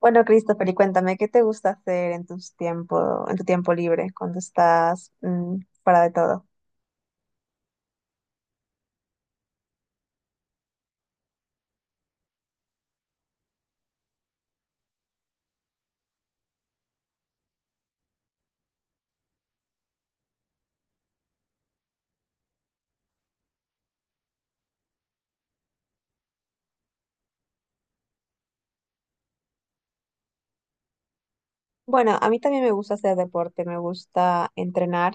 Bueno, Christopher, y cuéntame, ¿qué te gusta hacer en tu tiempo libre, cuando estás fuera de todo? Bueno, a mí también me gusta hacer deporte, me gusta entrenar.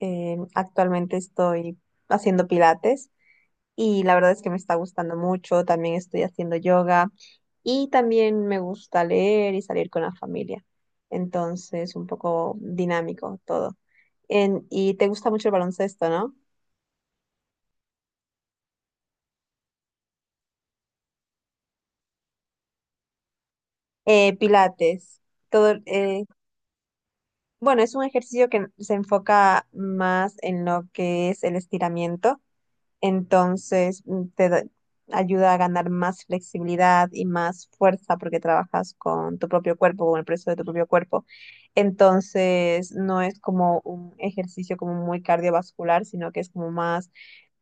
Actualmente estoy haciendo pilates y la verdad es que me está gustando mucho. También estoy haciendo yoga y también me gusta leer y salir con la familia. Entonces, un poco dinámico todo. ¿Y te gusta mucho el baloncesto, no? Pilates, todo, bueno, es un ejercicio que se enfoca más en lo que es el estiramiento, entonces ayuda a ganar más flexibilidad y más fuerza porque trabajas con tu propio cuerpo, con el peso de tu propio cuerpo. Entonces, no es como un ejercicio como muy cardiovascular, sino que es como más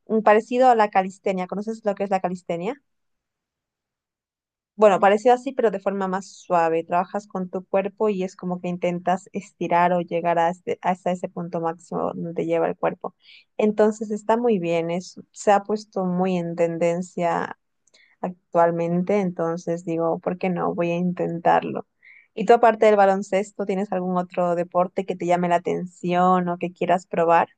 parecido a la calistenia. ¿Conoces lo que es la calistenia? Bueno, parecido así, pero de forma más suave. Trabajas con tu cuerpo y es como que intentas estirar o llegar a hasta ese punto máximo donde lleva el cuerpo. Entonces está muy bien, es, se ha puesto muy en tendencia actualmente, entonces digo, ¿por qué no? Voy a intentarlo. ¿Y tú aparte del baloncesto, tienes algún otro deporte que te llame la atención o que quieras probar?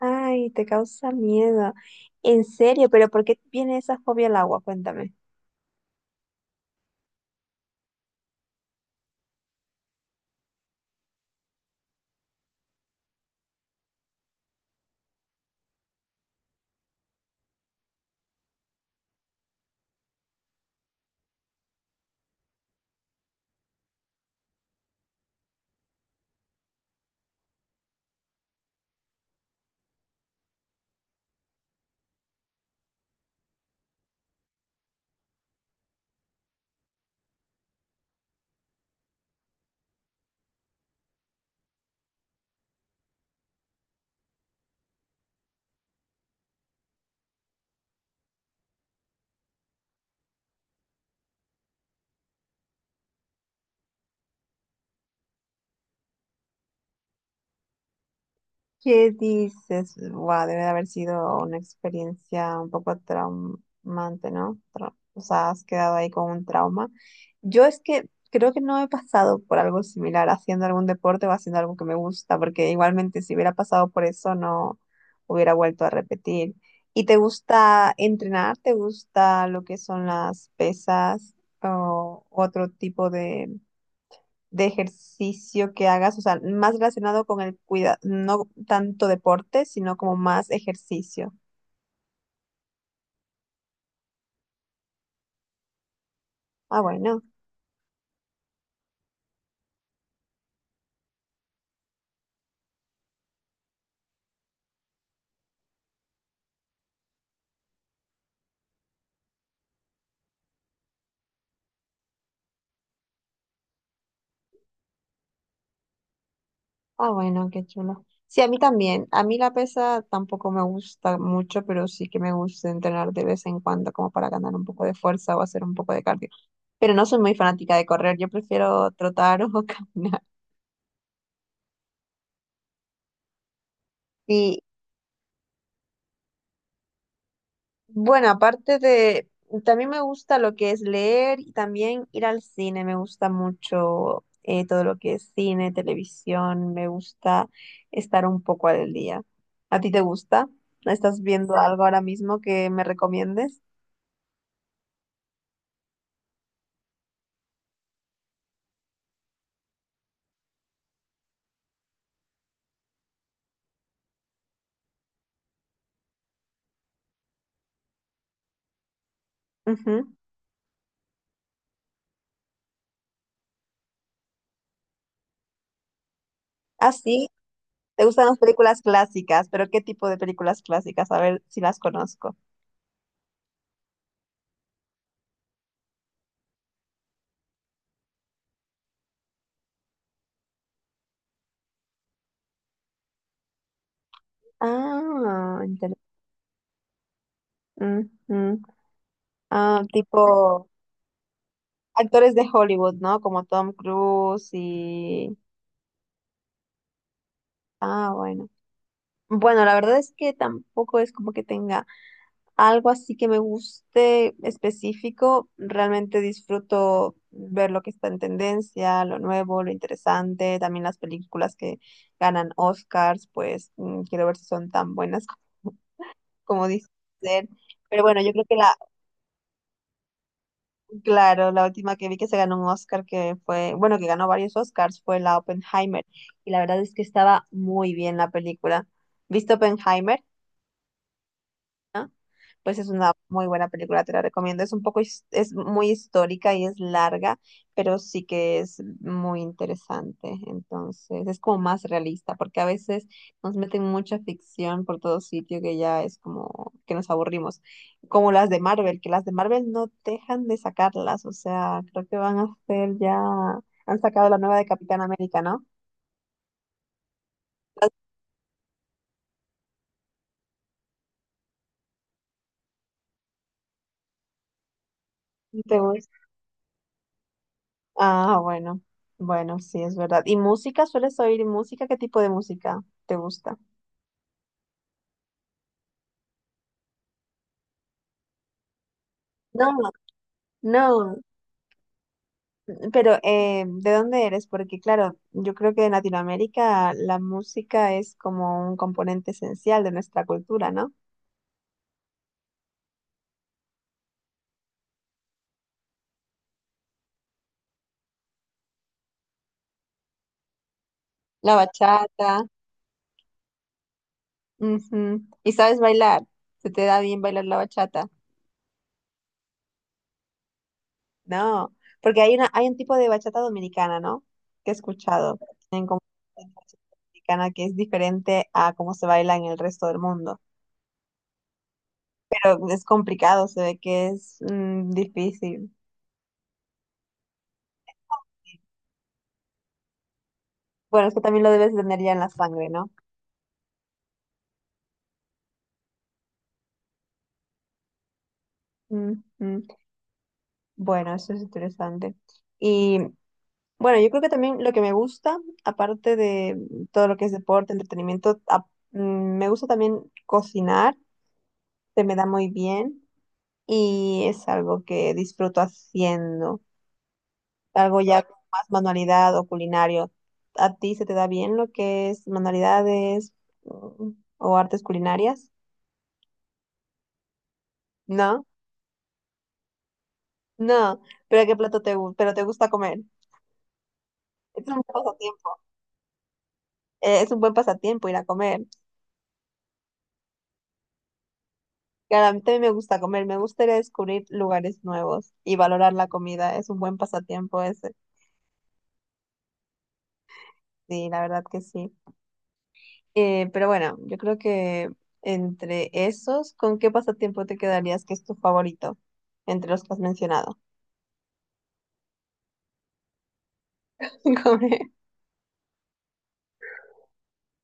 Ay, te causa miedo. En serio, pero ¿por qué viene esa fobia al agua? Cuéntame. ¿Qué dices? Wow, debe de haber sido una experiencia un poco traumante, ¿no? O sea, has quedado ahí con un trauma. Yo es que creo que no he pasado por algo similar haciendo algún deporte o haciendo algo que me gusta, porque igualmente si hubiera pasado por eso no hubiera vuelto a repetir. ¿Y te gusta entrenar? ¿Te gusta lo que son las pesas o otro tipo de ejercicio que hagas, o sea, más relacionado con el cuidado, no tanto deporte, sino como más ejercicio? Ah, bueno, ah, bueno, qué chulo. Sí, a mí también. A mí la pesa tampoco me gusta mucho, pero sí que me gusta entrenar de vez en cuando como para ganar un poco de fuerza o hacer un poco de cardio. Pero no soy muy fanática de correr, yo prefiero trotar o caminar. Bueno, aparte de, también me gusta lo que es leer y también ir al cine, me gusta mucho todo lo que es cine, televisión, me gusta estar un poco al día. ¿A ti te gusta? ¿Estás viendo algo ahora mismo que me recomiendes? Ujú. Ah, sí, te gustan las películas clásicas, pero ¿qué tipo de películas clásicas? A ver si las conozco. Ah, interesante. Ah, tipo actores de Hollywood, ¿no? Como Tom Cruise y... Ah, bueno. Bueno, la verdad es que tampoco es como que tenga algo así que me guste específico. Realmente disfruto ver lo que está en tendencia, lo nuevo, lo interesante. También las películas que ganan Oscars, pues quiero ver si son tan buenas como, como dicen ser. Pero bueno, yo creo que la, claro, la última que vi que se ganó un Oscar, que fue, bueno, que ganó varios Oscars, fue la Oppenheimer. Y la verdad es que estaba muy bien la película. ¿Viste Oppenheimer? Pues es una muy buena película, te la recomiendo. Es un poco, es muy histórica y es larga, pero sí que es muy interesante. Entonces, es como más realista, porque a veces nos meten mucha ficción por todo sitio que ya es como que nos aburrimos. Como las de Marvel, que las de Marvel no dejan de sacarlas, o sea, creo que van a hacer ya, han sacado la nueva de Capitán América, ¿no? ¿No, te gusta? Ah, bueno, bueno, sí, es verdad. ¿Y música? ¿Sueles oír música? ¿Qué tipo de música te gusta? No, no, pero ¿de dónde eres? Porque claro, yo creo que en Latinoamérica la música es como un componente esencial de nuestra cultura, ¿no? La bachata. Ujú. ¿Y sabes bailar? ¿Se te da bien bailar la bachata? No, porque hay una, hay un tipo de bachata dominicana, ¿no? Que he escuchado en como- en bachata dominicana que es diferente a cómo se baila en el resto del mundo. Pero es complicado, se ve que es difícil. Bueno, es que también lo debes tener ya en la sangre, ¿no? Ujú. Bueno, eso es interesante. Y bueno, yo creo que también lo que me gusta, aparte de todo lo que es deporte, entretenimiento, me gusta también cocinar, se me da muy bien y es algo que disfruto haciendo, algo ya con más manualidad o culinario. ¿A ti se te da bien lo que es manualidades, mm, o artes culinarias? No, no, pero ¿qué plato te gusta? Pero te gusta comer. Es un pasatiempo. Es un buen pasatiempo ir a comer. Claro, a mí también me gusta comer, me gustaría descubrir lugares nuevos y valorar la comida. Es un buen pasatiempo ese, sí, la verdad que sí. Pero bueno, yo creo que entre esos, ¿con qué pasatiempo te quedarías que es tu favorito entre los que has mencionado? Comer.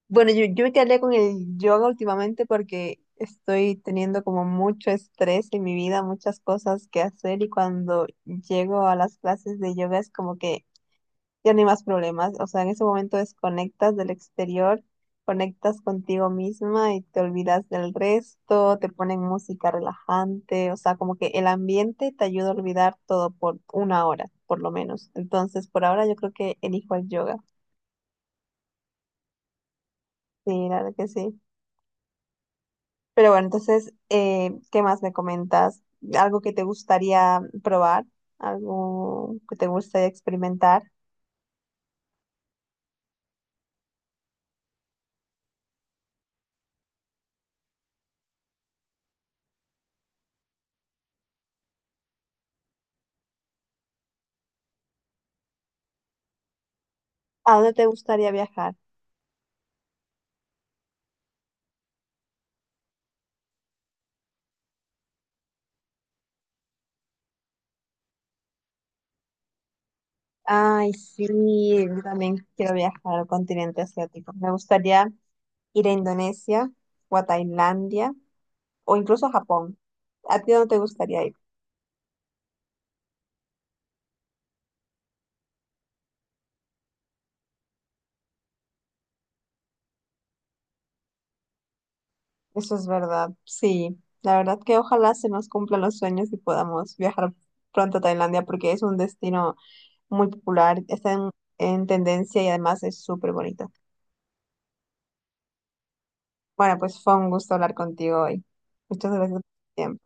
Bueno, yo me quedaría con el yoga últimamente porque estoy teniendo como mucho estrés en mi vida, muchas cosas que hacer y cuando llego a las clases de yoga es como que ya no hay más problemas. O sea, en ese momento desconectas del exterior, conectas contigo misma y te olvidas del resto, te ponen música relajante, o sea, como que el ambiente te ayuda a olvidar todo por una hora, por lo menos. Entonces, por ahora yo creo que elijo el yoga. Sí, la verdad que sí. Pero bueno, entonces, ¿qué más me comentas? ¿Algo que te gustaría probar? ¿Algo que te gustaría experimentar? ¿A dónde te gustaría viajar? Ay, sí, yo también quiero viajar al continente asiático. Me gustaría ir a Indonesia o a Tailandia o incluso a Japón. ¿A ti no te gustaría ir? Eso es verdad, sí. La verdad que ojalá se nos cumplan los sueños y podamos viajar pronto a Tailandia porque es un destino muy popular, está en tendencia y además es súper bonito. Bueno, pues fue un gusto hablar contigo hoy. Muchas gracias por tu tiempo.